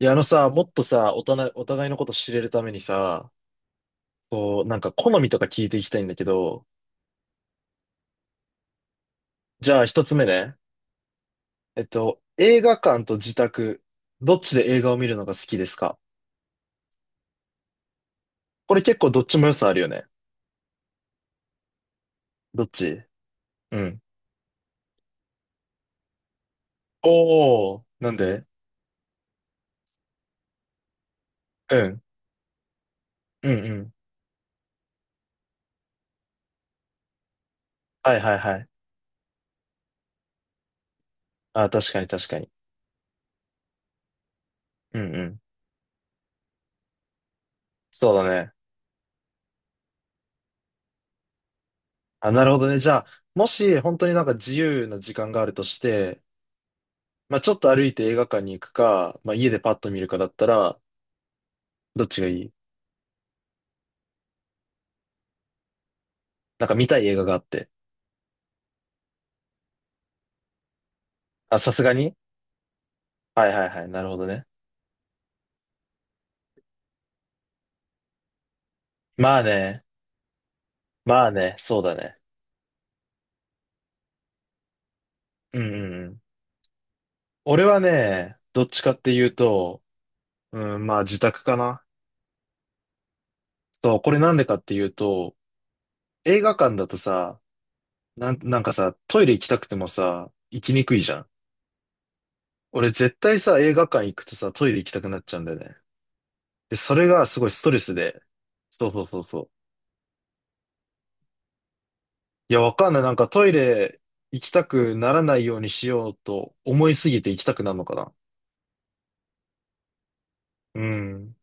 いや、あのさ、もっとさ、お互いのこと知れるためにさ、こう、なんか好みとか聞いていきたいんだけど、じゃあ一つ目ね。映画館と自宅、どっちで映画を見るのが好きですか？これ結構どっちも良さあるよね。どっち？うん。おー、なんで？うん。うんうん。はいはいはい。あ、確かに確かに。うんうん。そうだね。あ、なるほどね。じゃあ、もし本当になんか自由な時間があるとして、まあちょっと歩いて映画館に行くか、まあ家でパッと見るかだったら、どっちがいい？なんか見たい映画があって。あ、さすがに。はいはいはい。なるほどね。まあね。まあね。そうだね。うんうんうん。俺はね、どっちかっていうと、うん、まあ自宅かな。そう、これなんでかっていうと、映画館だとさ、なんかさ、トイレ行きたくてもさ、行きにくいじゃん。俺絶対さ、映画館行くとさ、トイレ行きたくなっちゃうんだよね。で、それがすごいストレスで。そうそうそうそう。いや、わかんない。なんかトイレ行きたくならないようにしようと思いすぎて行きたくなるのかな。うん。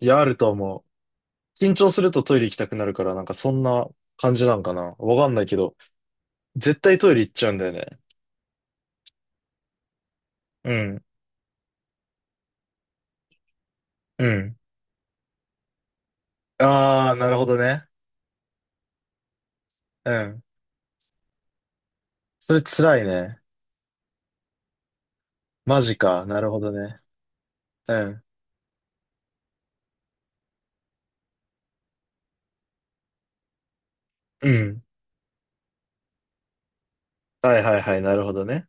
いや、あると思う。緊張するとトイレ行きたくなるから、なんかそんな感じなんかな。わかんないけど、絶対トイレ行っちゃうんだよね。うん。うん。ああ、なるほどね。うん。それ辛いね。マジか。なるほどね。うん。うん。はいはいはい。なるほどね。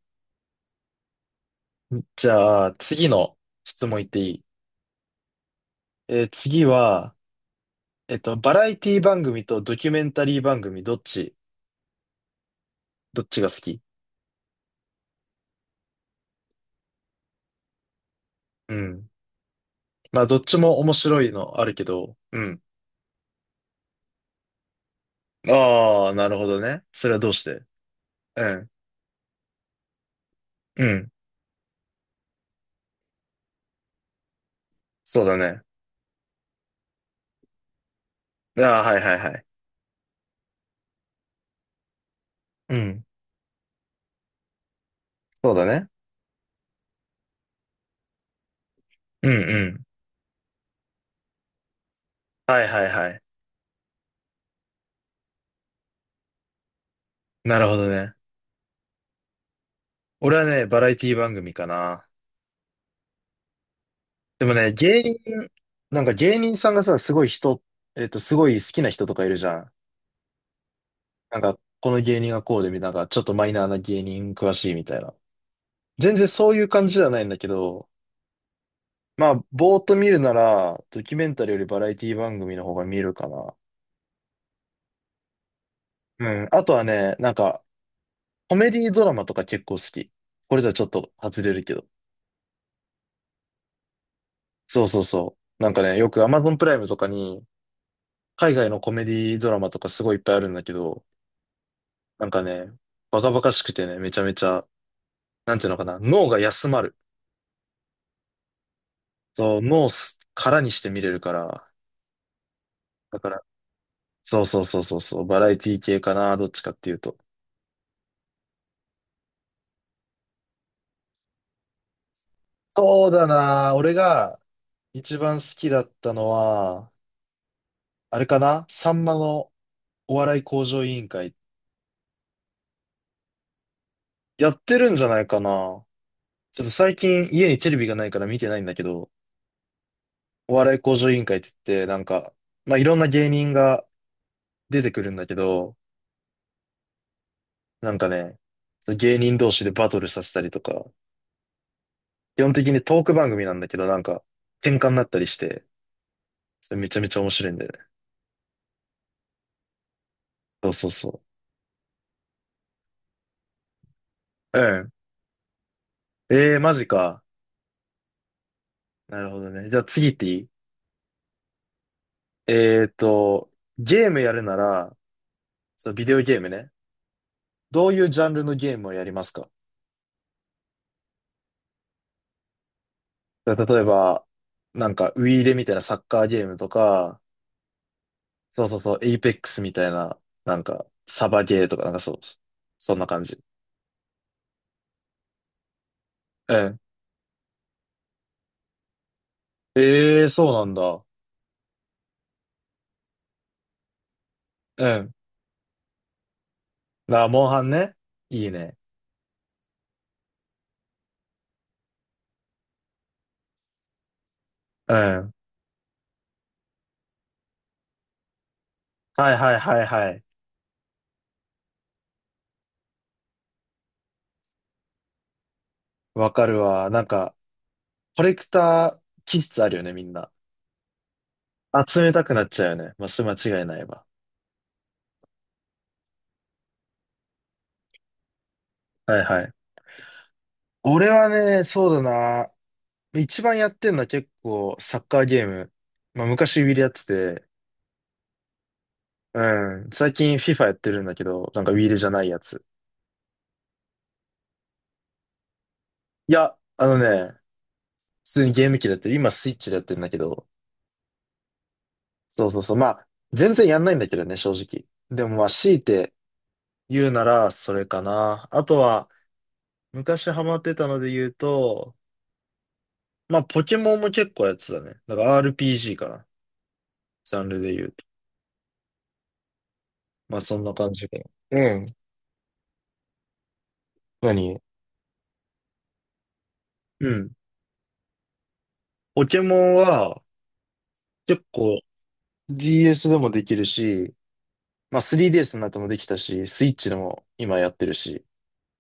じゃあ、次の質問いっていい？次は、バラエティ番組とドキュメンタリー番組、どっちが好き？うん。まあ、どっちも面白いのあるけど、うん。ああ、なるほどね。それはどうして？うん。うん。そうだね。ああ、はいはいはい。うん。そうだね。うんうん。はいはいはい。なるほどね。俺はね、バラエティ番組かな。でもね、芸人、なんか芸人さんがさ、すごい人、すごい好きな人とかいるじゃん。なんか、この芸人がこうで、みたいななんか、ちょっとマイナーな芸人詳しいみたいな。全然そういう感じじゃないんだけど、まあ、ぼーっと見るなら、ドキュメンタリーよりバラエティ番組の方が見るかな。うん。あとはね、なんか、コメディドラマとか結構好き。これじゃちょっと外れるけど。そうそうそう。なんかね、よく Amazon プライムとかに、海外のコメディドラマとかすごいいっぱいあるんだけど、なんかね、バカバカしくてね、めちゃめちゃ、なんていうのかな、脳が休まる。そう、脳を空にして見れるから、だから、そうそうそうそうそう、バラエティ系かな、どっちかっていうと。そうだな。俺が一番好きだったのは、あれかな、さんまのお笑い向上委員会。やってるんじゃないかな。ちょっと最近家にテレビがないから見てないんだけど、お笑い向上委員会って言って、なんか、まあ、いろんな芸人が出てくるんだけど、なんかね、芸人同士でバトルさせたりとか、基本的にトーク番組なんだけど、なんか、喧嘩になったりして、それめちゃめちゃ面白いんだよね。そうそうそう。うん。ええー、マジか。なるほどね。じゃあ次行っていい？えーっと、ゲームやるなら、そう、ビデオゲームね。どういうジャンルのゲームをやりますか？だから例えば、なんか、ウイイレみたいなサッカーゲームとか、そうそうそう、エイペックスみたいな、なんか、サバゲーとか、なんかそう、そんな感じ。うん。えー、そうなんだ。うん。モンハンね。いいね。うん。はいはいはいはい。わかるわ。なんか、コレクター気質あるよね、みんな。集めたくなっちゃうよね。まあ、それ間違いないわ。はいはい。俺はね、そうだな。一番やってんのは結構サッカーゲーム。まあ昔ウィールやってて、うん。最近 FIFA やってるんだけど、なんかウィールじゃないやつ。いや、あのね、普通にゲーム機でやってる。今スイッチでやってるんだけど。そうそうそう。まあ、全然やんないんだけどね、正直。でもまあ、強いて言うならそれかな。あとは、昔ハマってたので言うと、まあ、ポケモンも結構やってたね。だから RPG かな。ジャンルで言うと。まあ、そんな感じで。うん。何？うん。ポケモンは結構 DS でもできるし、まあ 3DS になってもできたし、スイッチでも今やってるし、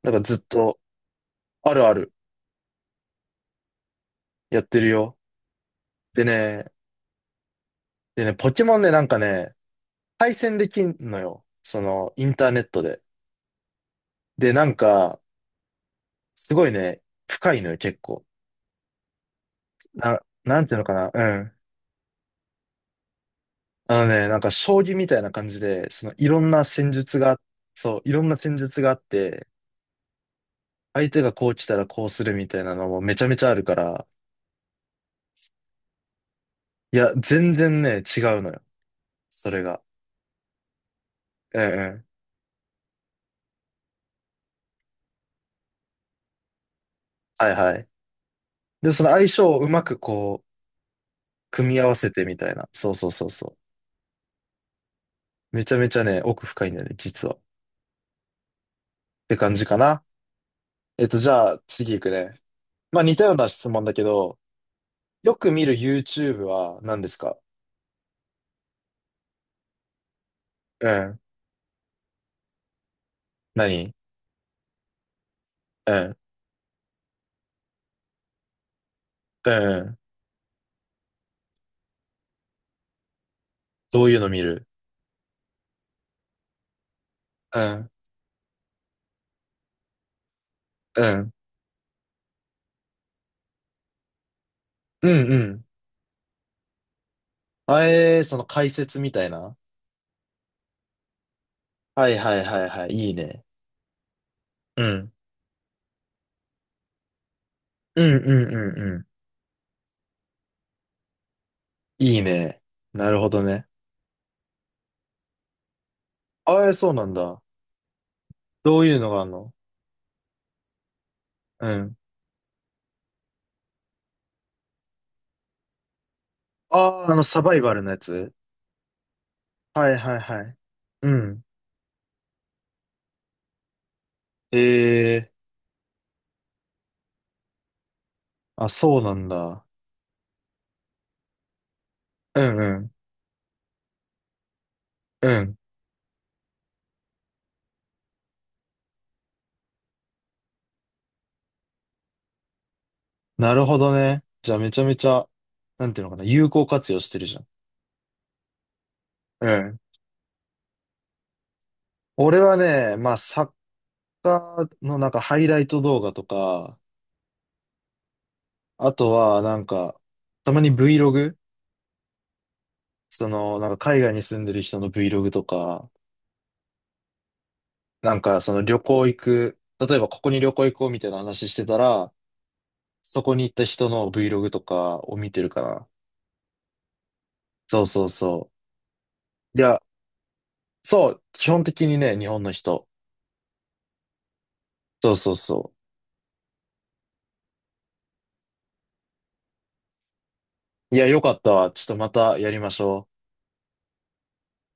なんかずっとあるあるやってるよ。でね、ポケモンね、なんかね、対戦できんのよ。そのインターネットで。で、なんか、すごいね、深いのよ、結構。なんていうのかな、うん。あのね、なんか将棋みたいな感じで、そのいろんな戦術が、そう、いろんな戦術があって、相手がこう来たらこうするみたいなのもめちゃめちゃあるから、いや、全然ね、違うのよ。それが。うんうん。はいはい。で、その相性をうまくこう、組み合わせてみたいな。そうそうそうそう。めちゃめちゃね、奥深いんだよね、実は。って感じかな。じゃあ、次行くね。まあ、似たような質問だけど、よく見る YouTube は何ですか？うん。何？うん。うん。どういうの見る？うん。うん。うんうん。その解説みたいな。はいはいはいはい。いいね。うん。うんうんうんうん。いいね。なるほどね。ああ、そうなんだ。どういうのがあるの？うん。ああ、サバイバルのやつ？はいはいはい。うん。ええあ、そうなんだ。うんうん。うん。なるほどね。じゃあめちゃめちゃ、なんていうのかな、有効活用してるじゃん。うん。俺はね、まあ、サッカーのなんかハイライト動画とか、あとはなんか、たまに Vlog？ その、なんか海外に住んでる人の Vlog とか、なんかその旅行行く、例えばここに旅行行こうみたいな話してたら、そこに行った人の Vlog とかを見てるかな。そうそうそう。いや、そう、基本的にね、日本の人。そうそうそう。いや、よかったわ。ちょっとまたやりましょう。